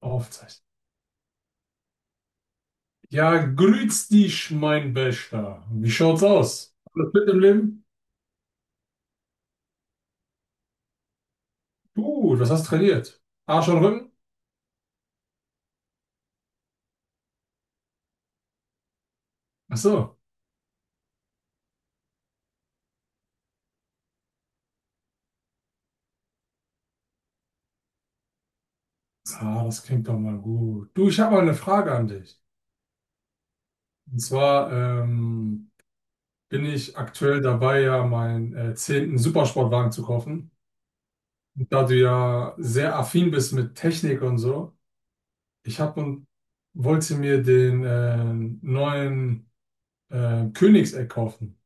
Aufzeichnen. Ja, grüß dich, mein Bester. Wie schaut's aus? Alles fit im Leben? Du, was hast du trainiert? Arsch und Rücken? Ach so. Ah, das klingt doch mal gut. Du, ich habe mal eine Frage an dich. Und zwar bin ich aktuell dabei, ja meinen zehnten Supersportwagen zu kaufen. Und da du ja sehr affin bist mit Technik und so, ich habe und wollte mir den neuen Königseck kaufen.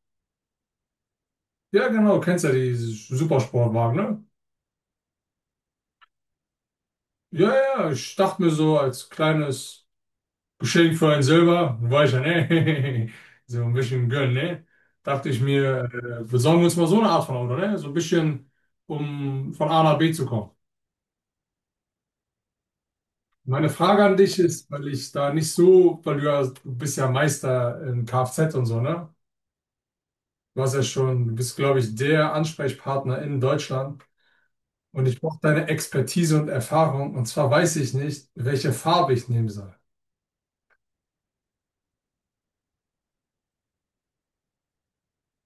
Ja, genau, du kennst ja die Supersportwagen, ne? Ja, ja, ja, ich dachte mir so als kleines Geschenk für ein Silber, war ich ja, ne? So ein bisschen gönnen, ne? Dachte ich mir, besorgen wir uns mal so eine Art von Auto, ne? So ein bisschen, um von A nach B zu kommen. Meine Frage an dich ist, weil ich da nicht so, weil du ja, du bist ja Meister in Kfz und so, ne? Du hast ja schon, du bist, glaube ich, der Ansprechpartner in Deutschland. Und ich brauche deine Expertise und Erfahrung. Und zwar weiß ich nicht, welche Farbe ich nehmen soll.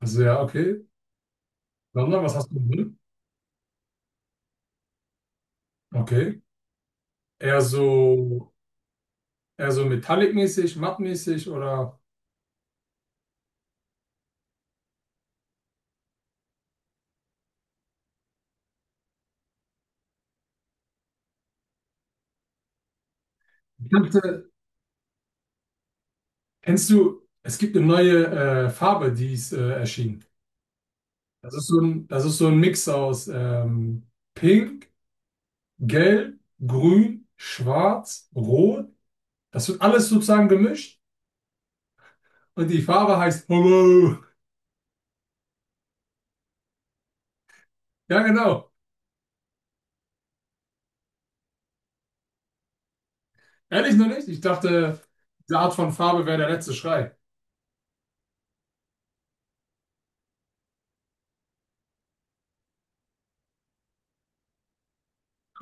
Also ja, okay. Sandra, was hast du drin? Okay. Eher so, eher so metallic-mäßig, mattmäßig oder kennst du, kennst du, es gibt eine neue Farbe, die ist erschienen. Das ist so ein Mix aus Pink, Gelb, Grün, Schwarz, Rot. Das wird alles sozusagen gemischt. Und die Farbe heißt Hello. Ja, genau. Ehrlich noch nicht? Ich dachte, diese Art von Farbe wäre der letzte Schrei.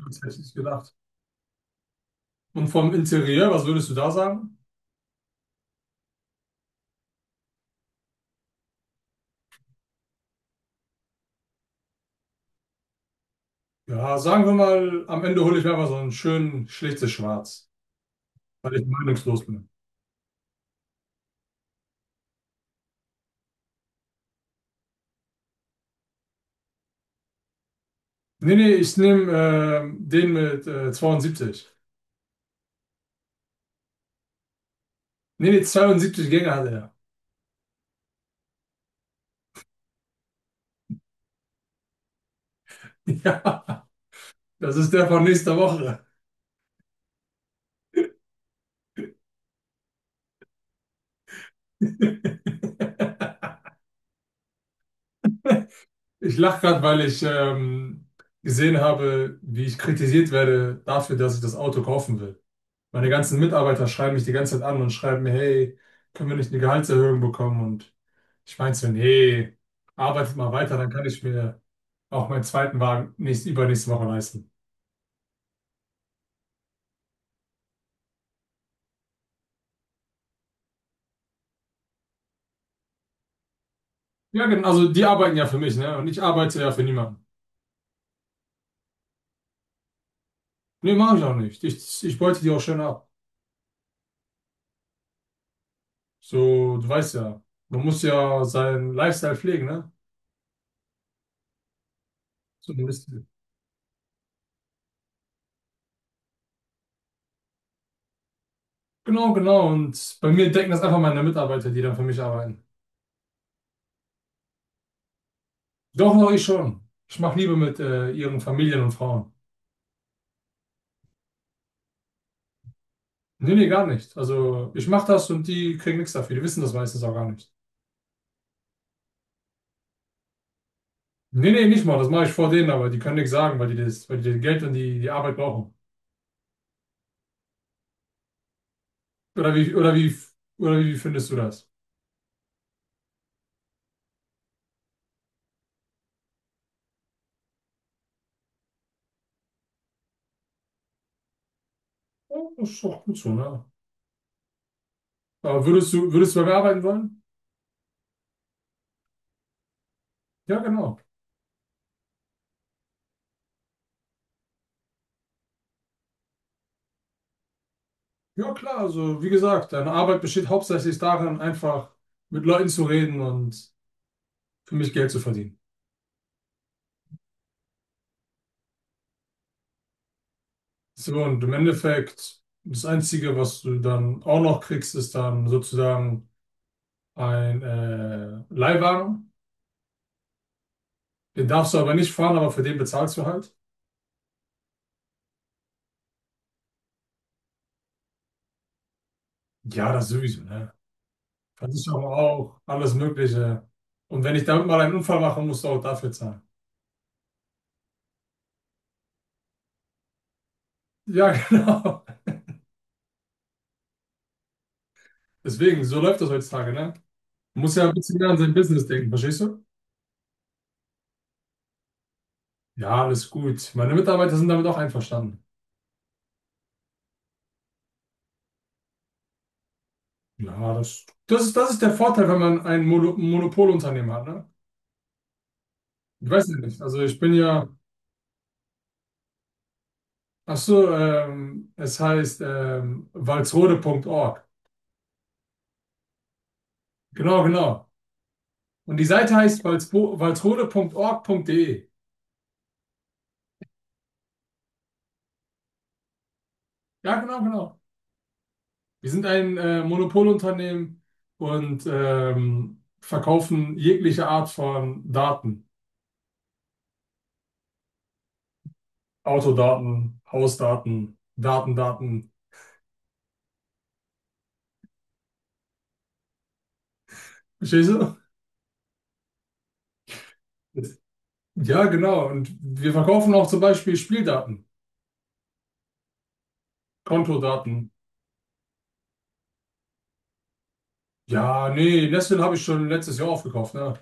Das hätte ich nicht gedacht. Und vom Interieur, was würdest du da sagen? Ja, sagen wir mal, am Ende hole ich mir mal so ein schön schlichtes Schwarz, weil ich meinungslos bin. Nee, nee, ich nehme den mit 72. Nee, nee, 72 Gänge hat er. Ja, das ist der von nächster Woche. Ich lache gerade, weil ich gesehen habe, wie ich kritisiert werde dafür, dass ich das Auto kaufen will. Meine ganzen Mitarbeiter schreiben mich die ganze Zeit an und schreiben mir, hey, können wir nicht eine Gehaltserhöhung bekommen? Und ich meinte so, nee, arbeitet mal weiter, dann kann ich mir auch meinen zweiten Wagen übernächste Woche leisten. Ja, genau, also die arbeiten ja für mich, ne? Und ich arbeite ja für niemanden. Nee, mache ich auch nicht. Ich beute die auch schön ab. So, du weißt ja, man muss ja seinen Lifestyle pflegen, ne? So ein bisschen. Genau, genau. Und bei mir denken das einfach meine Mitarbeiter, die dann für mich arbeiten. Doch, doch, ich schon. Ich mache Liebe mit ihren Familien und Frauen. Nee, nee, gar nicht. Also ich mache das und die kriegen nichts dafür. Die wissen das meistens auch gar nicht. Nee, nee, nicht mal. Das mache ich vor denen, aber die können nichts sagen, weil die das Geld und die, die Arbeit brauchen. Oder wie, oder wie, oder wie findest du das? Ja, das ist doch gut so, ne? Aber würdest du bei mir arbeiten wollen? Ja, genau. Ja, klar. Also wie gesagt, deine Arbeit besteht hauptsächlich darin, einfach mit Leuten zu reden und für mich Geld zu verdienen. So, und im Endeffekt, das Einzige, was du dann auch noch kriegst, ist dann sozusagen ein Leihwagen. Den darfst du aber nicht fahren, aber für den bezahlst du halt. Ja, das sowieso, ne? Versicherung auch, alles Mögliche. Und wenn ich damit mal einen Unfall mache, musst du auch dafür zahlen. Ja, genau. Deswegen, so läuft das heutzutage, ne? Man muss ja ein bisschen mehr an sein Business denken, verstehst du? Ja, alles gut. Meine Mitarbeiter sind damit auch einverstanden. Ja, das ist der Vorteil, wenn man ein Monopolunternehmen hat, ne? Ich weiß ja nicht. Also ich bin ja, ach so, es heißt walsrode punkt Org. Genau, genau. Und die Seite heißt walsrode.org.de. Ja, genau, genau. Wir sind ein Monopolunternehmen und verkaufen jegliche Art von Daten. Autodaten, Hausdaten, Daten, Daten. Verstehst du? Ja, genau. Und wir verkaufen auch zum Beispiel Spieldaten, Kontodaten. Ja, nee, Nestle habe ich schon letztes Jahr aufgekauft, ne?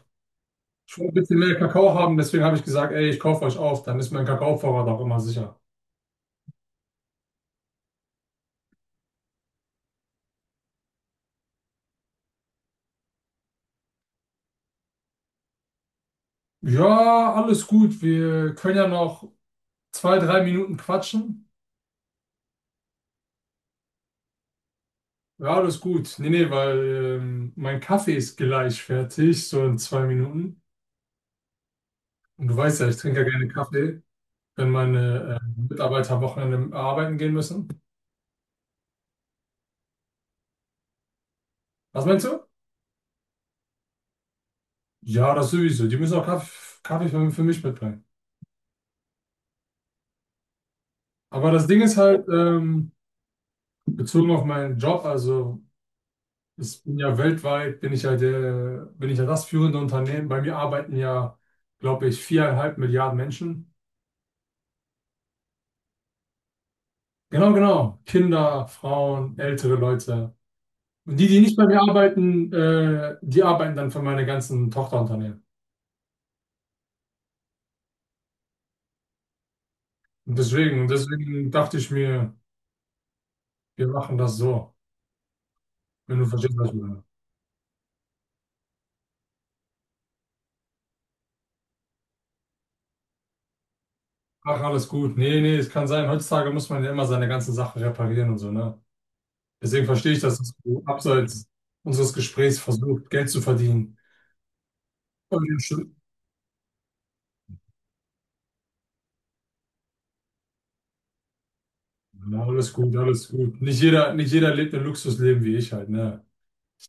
Ich will ein bisschen mehr Kakao haben, deswegen habe ich gesagt, ey, ich kaufe euch auf, dann ist mein Kakaovorrat auch immer sicher. Ja, alles gut. Wir können ja noch zwei, drei Minuten quatschen. Ja, alles gut. Nee, nee, weil mein Kaffee ist gleich fertig, so in zwei Minuten. Und du weißt ja, ich trinke ja gerne Kaffee, wenn meine Mitarbeiter am Wochenende arbeiten gehen müssen. Was meinst du? Ja, das sowieso. Die müssen auch Kaffee, Kaffee für mich mitbringen. Aber das Ding ist halt, bezogen auf meinen Job, also ich bin ja weltweit, bin ich ja das führende Unternehmen. Bei mir arbeiten ja, glaube ich, 4,5 Milliarden Menschen. Genau, genau. Kinder, Frauen, ältere Leute. Und die, die nicht bei mir arbeiten, die arbeiten dann für meine ganzen Tochterunternehmen. Und deswegen dachte ich mir, wir machen das so, wenn du verstehst, was ich meine. Ach, alles gut. Nee, nee, es kann sein. Heutzutage muss man ja immer seine ganze Sache reparieren und so, ne? Deswegen verstehe ich, dass das so abseits unseres Gesprächs versucht, Geld zu verdienen. Aber ja, stimmt. Ja, alles gut, alles gut. Nicht jeder lebt ein Luxusleben wie ich halt, ne?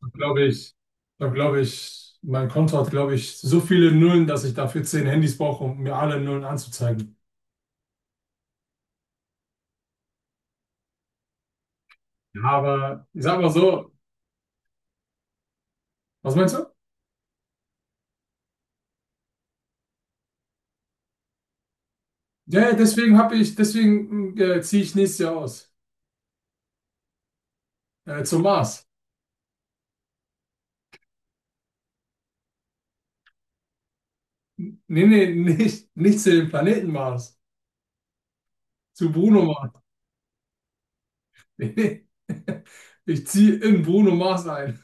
Da glaube ich, da glaube ich, mein Konto hat, glaube ich, so viele Nullen, dass ich dafür zehn Handys brauche, um mir alle Nullen anzuzeigen. Ja, aber ich sag mal so, was meinst du? Ja, ja, deswegen ziehe ich nächstes Jahr aus. Zum Mars. Nee, nee, nicht, nicht zu dem Planeten Mars. Zu Bruno. Nee. Ich ziehe in Bruno Mars ein.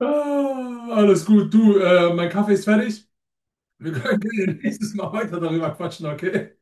Ah, alles gut, du, mein Kaffee ist fertig. Wir können gerne nächstes Mal weiter darüber quatschen, okay?